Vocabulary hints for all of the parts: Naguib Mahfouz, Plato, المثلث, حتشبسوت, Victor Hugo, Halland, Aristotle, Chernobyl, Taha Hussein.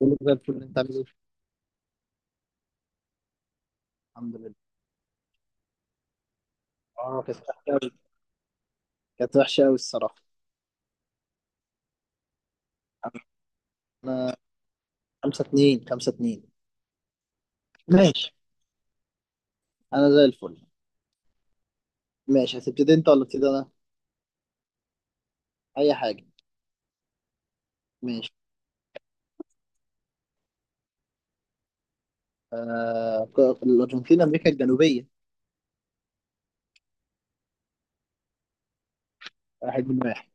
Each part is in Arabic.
كله زي الفل. اللي انت عامل ايه؟ الحمد لله. اه، كانت وحشة أوي. كانت وحشة أوي الصراحة. أنا خمسة اتنين. ماشي، أنا زي الفل. ماشي، هتبتدي أنت ولا أبتدي أنا؟ أي حاجة. ماشي. الأرجنتين، أمريكا الجنوبية. واحد من واحد.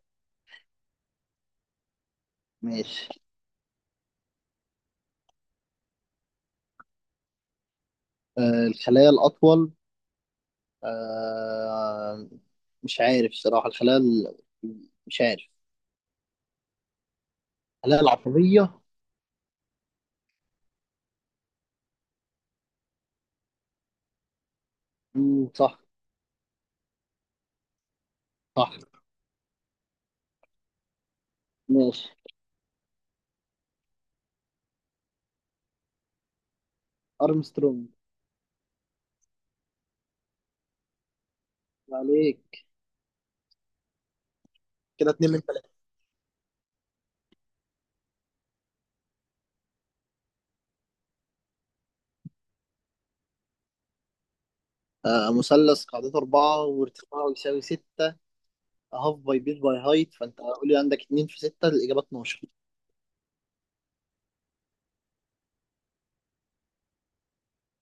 ماشي. الخلايا الأطول. آه... مش عارف الصراحة. مش عارف. الخلايا العصبية. مم، صح. صح. ماشي. أرمسترونج. عليك. كده اتنين من. آه، مثلث قاعدته أربعة وارتفاعه يساوي ستة. هاف باي بيت باي هايت، فأنت قول لي عندك اتنين في ستة، الإجابة 12.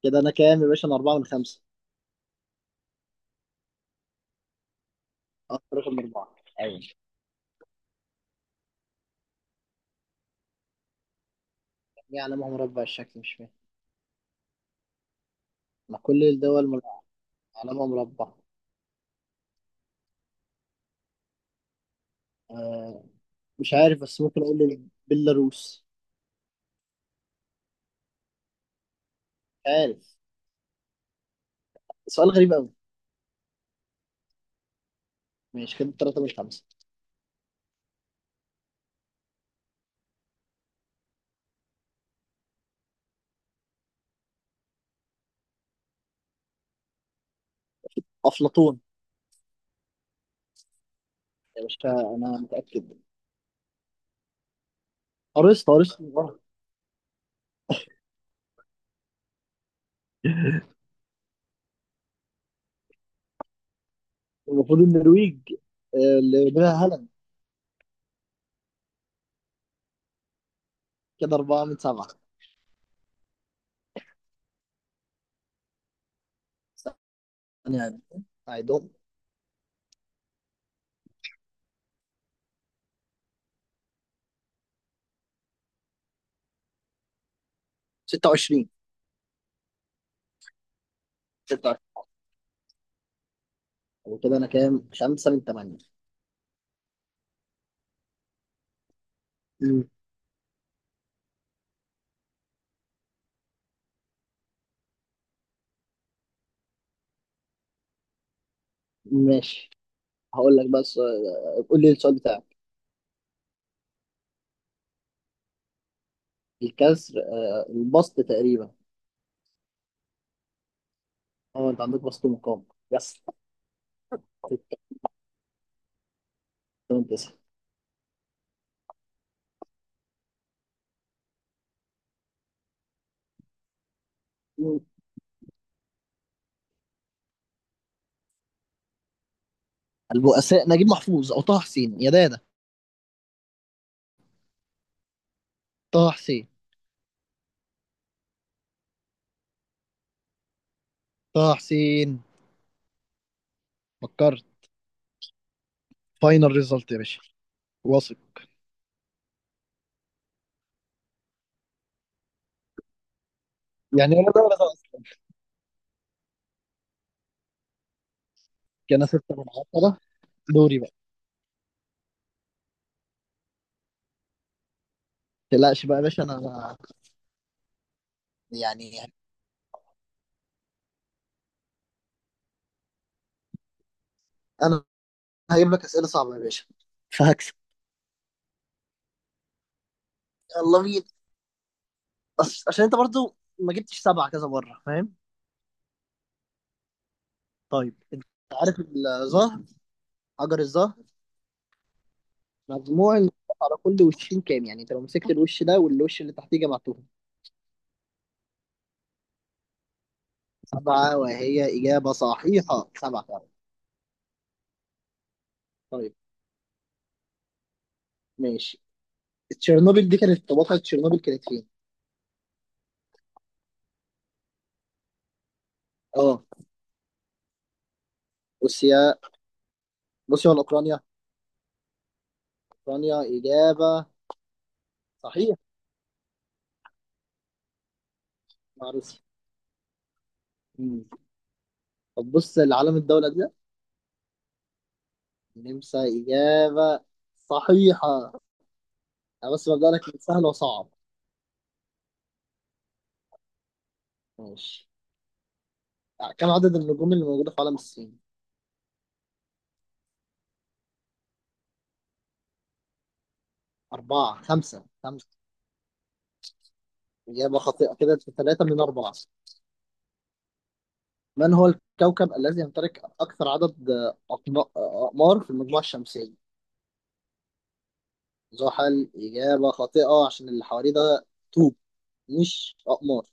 كده أنا كام يا باشا؟ أنا أربعة من خمسة. أه، رقم من أربعة. أيوة. ليه علامة مربع الشكل؟ مش فاهم. ما كل الدول مر- علامة مربع. آه، مش عارف، بس ممكن أقول بيلاروس. مش عارف، سؤال غريب أوي. ماشي، كده تلاتة من خمسة. أفلاطون. يا باشا، أنا متأكد. أرسطو. المفروض النرويج، آه، اللي منها هالاند. كده أربعة من سبعة. يعني أعيدهم. 26. 26 وكده أنا كام؟ 5 من 8. مم. ماشي. هقول لك، بس آه، قول لي السؤال بتاعك. الكسر، آه، البسط تقريبا. اه، انت عندك بسط مقام. يس. 8 9. البؤساء، نجيب محفوظ او طه حسين يا دادا. طه حسين. طه حسين. فكرت. فاينل ريزلت يا باشا. واثق. يعني ولا ده ولا ده اصلا. كان 6 من 10. دوري بقى. ما تقلقش بقى يا باشا، انا يعني انا هجيب لك اسئله صعبه يا باشا، فهكسب. الله، مين؟ بس عشان انت برضو ما جبتش سبعة كذا مرة، فاهم؟ طيب انت عارف الظهر، حجر الظهر، مجموع النقاط على كل وشين كام يعني؟ انت لو مسكت الوش ده والوش اللي تحتيه جمعتهم. سبعة، وهي إجابة صحيحة، سبعة فعلا. طيب ماشي. تشيرنوبل دي كانت، طب واقعة تشيرنوبل كانت فين؟ اه. روسيا. روسيا ولا أوكرانيا؟ أوكرانيا، إجابة صحيحة. مع روسيا. مم. طب بص لعلم الدولة دي. النمسا، إجابة صحيحة. أنا بس ببدأ لك من سهل وصعب. ماشي. يعني كم عدد النجوم اللي موجودة في عالم السين؟ أربعة. خمسة. إجابة خاطئة، كده في ثلاثة من أربعة. من هو الكوكب الذي يمتلك أكثر عدد أقمار في المجموعة الشمسية؟ زحل، إجابة خاطئة، عشان اللي حواليه ده طوب، مش أقمار.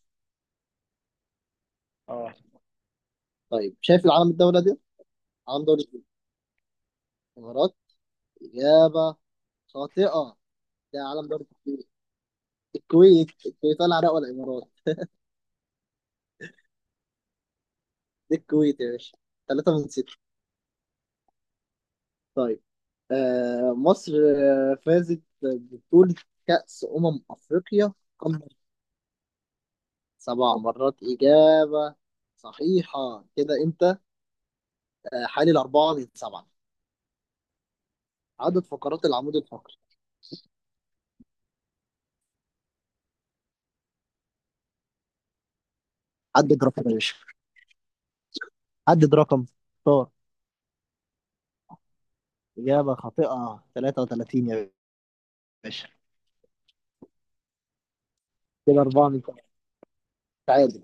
اه. طيب، شايف العلم الدولة دي؟ علم دولة الإمارات، إجابة خاطئة، ده علم دولة الكويت. الكويت، الكويت ولا العراق ولا الإمارات. دي الكويت يا باشا، ثلاثة من ستة. طيب. آه، مصر آه، فازت ببطولة كأس أمم أفريقيا قبل سبع مرات. إجابة صحيحة. كده أنت آه، حالي الأربعة من سبعة. عدد فقرات العمود الفقري. عدد رقم يا باشا، عدد رقم. اختار. إجابة خاطئة، 33 يا باشا. كده أربعة من سبعة، تعادل.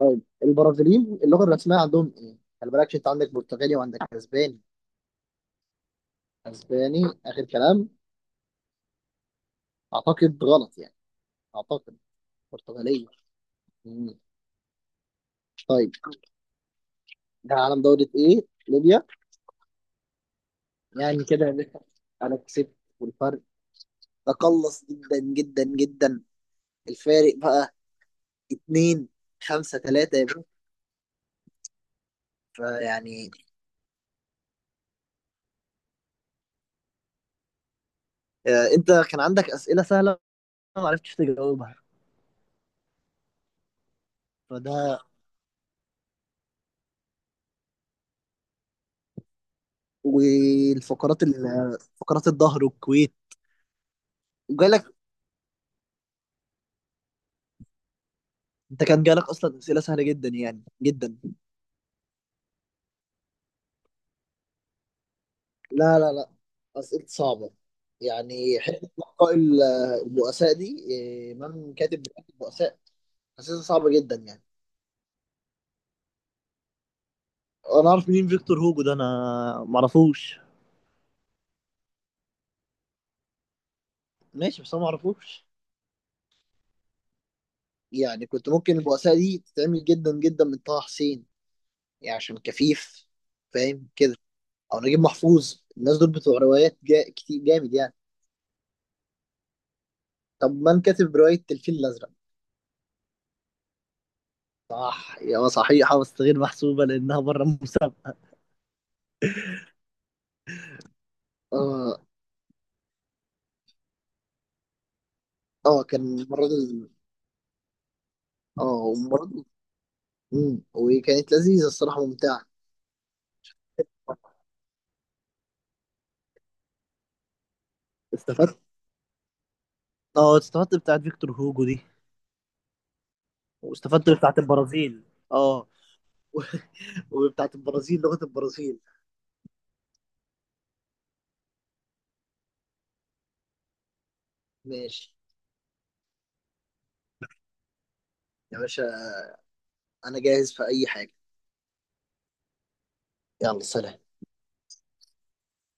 طيب، البرازيليين اللغة الرسمية عندهم إيه؟ خلي بالك، عشان أنت عندك برتغالي وعندك أسباني. أسباني آخر كلام. أعتقد غلط يعني، أعتقد برتغالية. طيب، ده عالم دورة ايه؟ ليبيا. يعني كده يا باشا، انا كسبت. والفرق تقلص جدا. الفارق بقى اتنين. خمسة تلاتة يا باشا. فيعني، آه، انت كان عندك اسئلة سهلة ما عرفتش تجاوبها، فده فقرات الظهر والكويت. وجالك، انت كان جالك اصلا اسئلة سهلة جدا يعني، جدا. لا، لا، لا، أسئلة صعبة يعني. البؤساء دي إيه، من كاتب بتاعت البؤساء؟ حاسسها صعبة جدا يعني. انا اعرف مين فيكتور هوجو ده؟ انا معرفوش. ماشي، بس انا معرفوش يعني. كنت ممكن البؤساء دي تتعمل جدا جدا من طه حسين يعني، عشان كفيف، فاهم كده؟ او نجيب محفوظ. الناس دول بتوع روايات كتير جامد يعني. طب من كاتب رواية الفيل الأزرق؟ صح، يا صحيحة، بس غير محسوبة لأنها بره المسابقة. اه. اه، كان المرة دي. اه، المرة دي، مم، وكانت لذيذة الصراحة، ممتعة. استفدت. اه، استفدت بتاعت فيكتور هوجو دي. واستفدت بتاعت البرازيل. اه. وبتاعت البرازيل، لغة البرازيل. ماشي يا باشا، انا جاهز في اي حاجة. يلا، سلام.